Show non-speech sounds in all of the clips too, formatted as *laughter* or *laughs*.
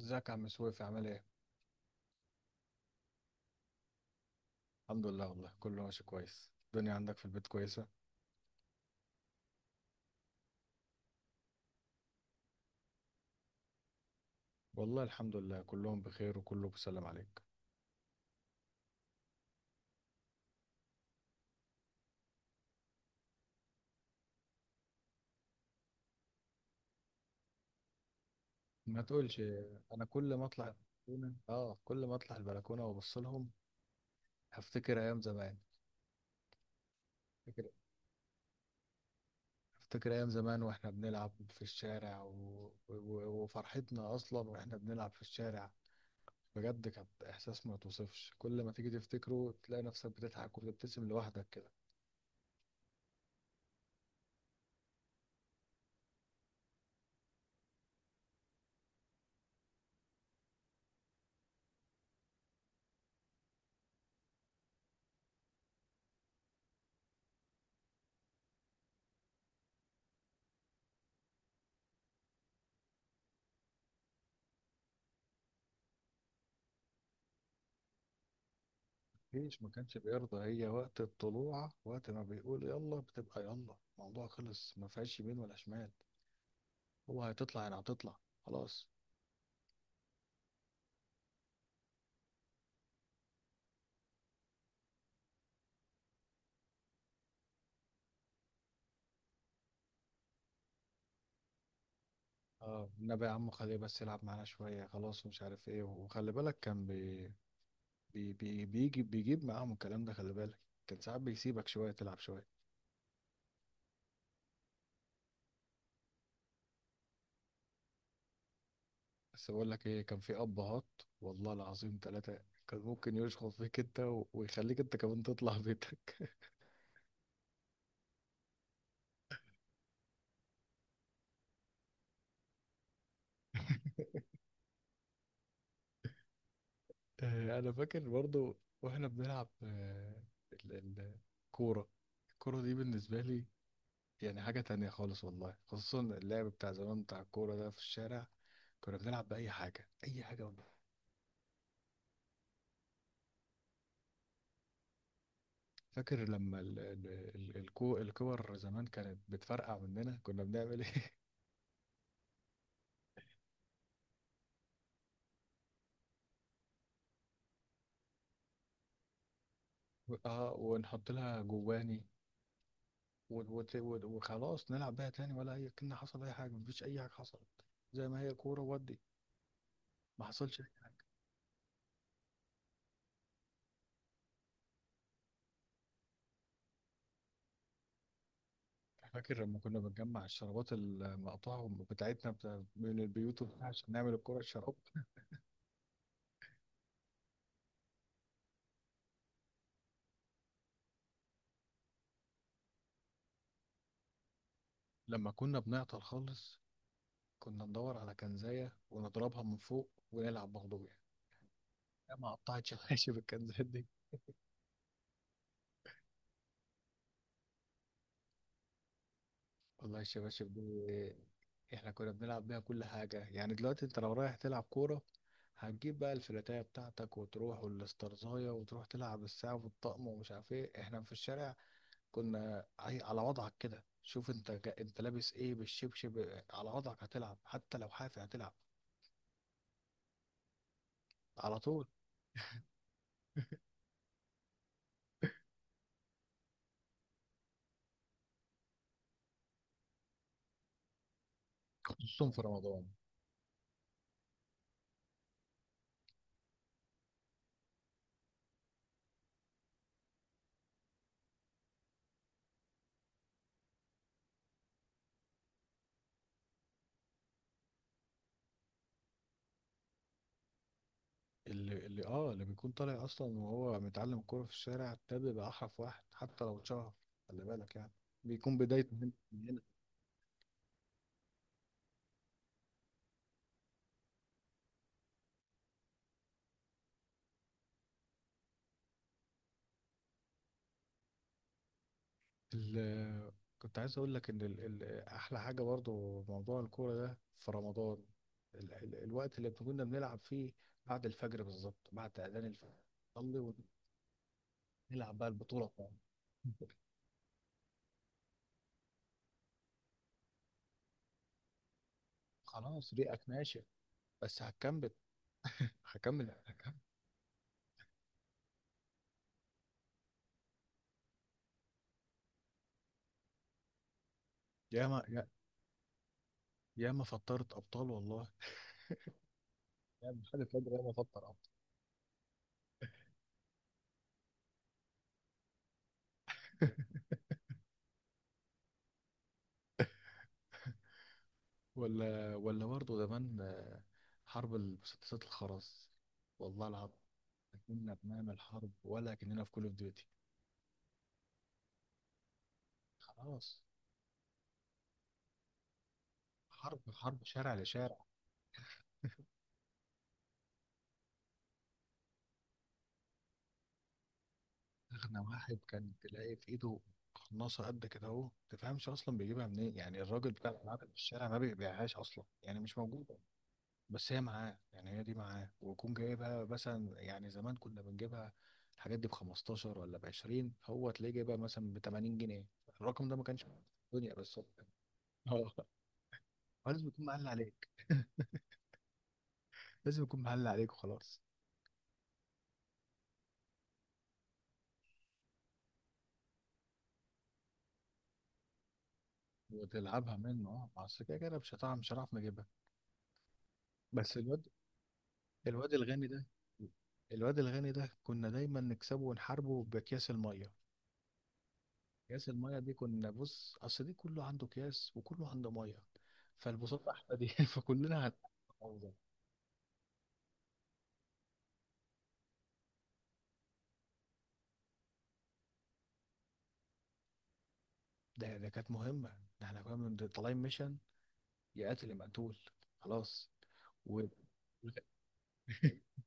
ازيك يا عم سويف، عامل ايه؟ الحمد لله والله كله ماشي كويس. الدنيا عندك في البيت كويسة؟ والله الحمد لله كلهم بخير وكله بيسلم عليك. ما تقولش. انا كل ما اطلع البلكونة وابص لهم هفتكر ايام زمان. افتكر افتكر ايام زمان واحنا بنلعب في الشارع، وفرحتنا اصلا واحنا بنلعب في الشارع. بجد كانت احساس ما توصفش، كل ما تيجي تفتكره تلاقي نفسك بتضحك وبتبتسم لوحدك. فيش ما كانش بيرضى، هي وقت الطلوع، وقت ما بيقول يلا بتبقى يلا، الموضوع خلص، ما فيهاش يمين ولا شمال. هو هتطلع يعني هتطلع. خلاص. اه النبي يا عم، خليه بس يلعب معانا شوية، خلاص، ومش عارف ايه، وخلي بالك كان بي بي بي بيجي بيجيب معاهم الكلام ده، خلي بالك. كان ساعات بيسيبك شوية تلعب شوية. بس بقول لك ايه، كان في ابهات والله العظيم ثلاثة. كان ممكن يشخط فيك انت ويخليك انت كمان تطلع بيتك. آه، انا فاكر برضو. واحنا بنلعب، ال- ال- الكوره. الكوره دي بالنسبه لي يعني حاجه تانية خالص والله، خصوصا اللعب بتاع زمان بتاع الكوره ده في الشارع. كنا بنلعب باي حاجه، اي حاجه والله. فاكر لما الكور زمان كانت بتفرقع مننا كنا بنعمل ايه؟ *laughs* اه، ونحط لها جواني وخلاص نلعب بيها تاني، ولا اي، كنا حصل اي حاجه، مفيش اي حاجه حصلت، زي ما هي كوره ودي، ما حصلش. فاكر لما كنا بنجمع الشرابات المقطعة بتاعتنا، بتاع من البيوت وبتاع، عشان نعمل الكرة الشراب. لما كنا بنعطل خالص كنا ندور على كنزاية ونضربها من فوق ونلعب مغلوبة. يا ما قطعت شباشب الكنزات *laughs* دي. والله الشباشب دي احنا كنا بنلعب بيها كل حاجة. يعني دلوقتي انت لو رايح تلعب كورة هتجيب بقى الفلاتاية بتاعتك وتروح، والاسترزاية، وتروح تلعب الساعة والطقم ومش عارف ايه. احنا في الشارع كنا على وضعك كده. شوف انت لابس ايه، بالشبشب على وضعك هتلعب، حتى لو حافي هتلعب. على طول. خصوصا في رمضان. اللي بيكون طالع اصلا وهو متعلم كوره في الشارع ده بيبقى احرف واحد حتى لو اتشهر، خلي بالك يعني. بيكون بدايته من هنا. ال- كنت عايز اقول لك ان احلى حاجه برضو موضوع الكوره ده في رمضان، الوقت اللي كنا بنلعب فيه بعد الفجر بالظبط، بعد اذان الفجر. نصلي، نلعب بقى البطولة بقى. خلاص، ريقك ناشف، بس هكمل. ياما يا- ياما فطرت ابطال والله. ياما حد فجر ياما فطر ابطال. *laughs* ولا برضه زمان، حرب المسدسات الخرز، والله العظيم. لا، كنا بنعمل حرب ولا كأننا في كول اوف ديوتي. خلاص. حرب، حرب شارع لشارع. أغنى واحد كان تلاقي في إيده قناصة قد كده، أهو ما تفهمش أصلا بيجيبها منين، يعني الراجل بتاع الألعاب اللي في الشارع ما بيبيعهاش أصلا، يعني مش موجودة. بس هي معاه، يعني هي دي معاه، ويكون جايبها مثلا، يعني زمان كنا بنجيبها الحاجات دي ب 15 ولا ب 20، هو تلاقيه جايبها مثلا ب 80 جنيه. الرقم ده ما كانش في الدنيا، بس هو، اه هو لازم يكون معلي عليك *laughs* لازم يكون معلي عليك وخلاص. وتلعبها منه. اه ما اصل كده كده مش هنعرف نجيبها. بس الواد، الواد الغني ده، الواد الغني ده كنا دايما نكسبه ونحاربه باكياس الميه. اكياس الميه دي كنا، بص، اصل دي كله عنده اكياس وكله عنده ميه، فالبساطه احنا دي *laughs* فكلنا هنحفظها. ده كانت مهمه، ده احنا كنا طالعين ميشن. يا قاتل يا مقتول. خلاص و- *laughs*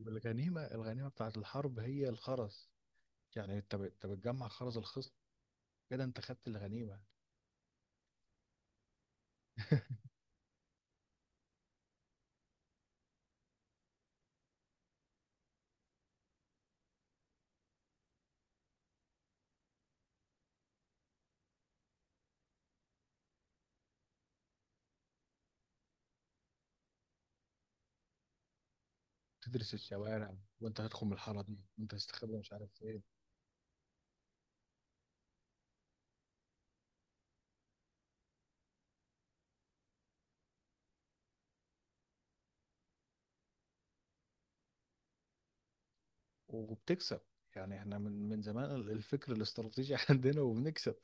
والغنيمه، الغنيمه بتاعت الحرب هي الخرز. يعني انت بتجمع خرز الخصم، كده انت خدت الغنيمه. تدرس الشوارع، وانت هتخرم الحاره دي، وانت هتستخبى مش عارف فين. وبتكسب. يعني احنا من زمان الفكر الاستراتيجي *laughs* عندنا وبنكسب.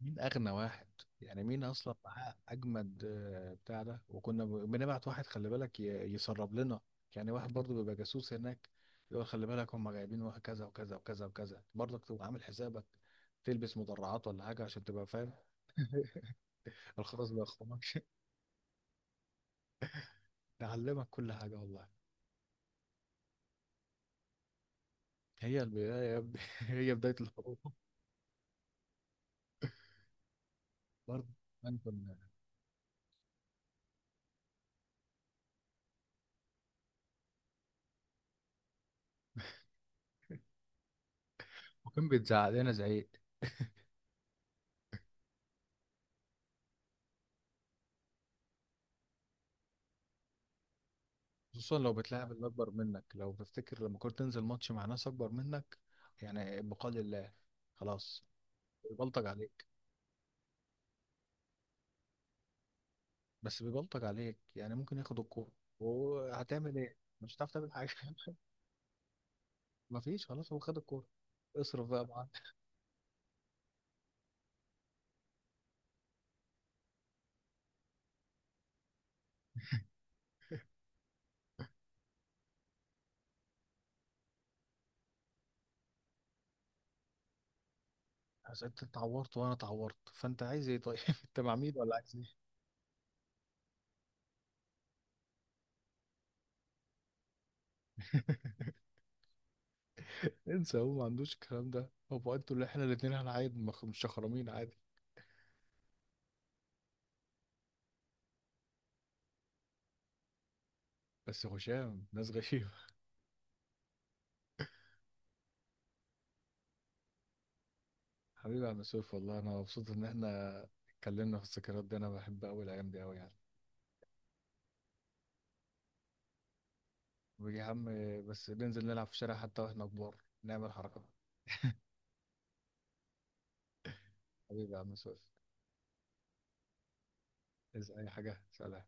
مين اغنى واحد؟ يعني مين اصلا معاه اجمد بتاع ده. وكنا بنبعت واحد، خلي بالك، يسرب لنا، يعني واحد برضه بيبقى جاسوس هناك، يقول خلي بالك هم جايبين واحد كذا وكذا وكذا وكذا، برضك تبقى عامل حسابك. تلبس مدرعات ولا حاجه عشان تبقى فاهم. الخلاص ما يخصمكش. *laughs* نعلمك كل حاجه والله. هي البدايه يا ابني *laughs* هي بدايه الحروب. برضه كنا. وكان بيتزعق لنا زعيق، خصوصا لو بتلاعب اللي اكبر منك. لو تفتكر لما كنت تنزل ماتش مع ناس اكبر منك، يعني بقال الله، خلاص. بيبلطج عليك، بس بيبلطج عليك، يعني ممكن ياخد الكوره وهتعمل ايه، مش هتعرف تعمل حاجه *laughs* مفيش، خلاص، هو خد الكوره، اصرف بقى معاه. عشان انت اتعورت وانا اتعورت، فانت عايز ايه طيب؟ *laughs* انت مع مين ولا عايز ايه؟ *laughs* انسى، هو ما عندوش الكلام ده، هو بقى انتوا اللي احنا الاثنين هنعايد مش شخرمين عادي. بس هشام ناس غشيم. حبيبي يا عم سيف، والله انا مبسوط ان احنا اتكلمنا في الذكريات دي، انا بحب قوي الايام دي قوي يعني. ويا عم، بس ننزل نلعب في الشارع حتى واحنا كبار، نعمل حركات. حبيبي يا عم سيف. عايز اي حاجه؟ سلام.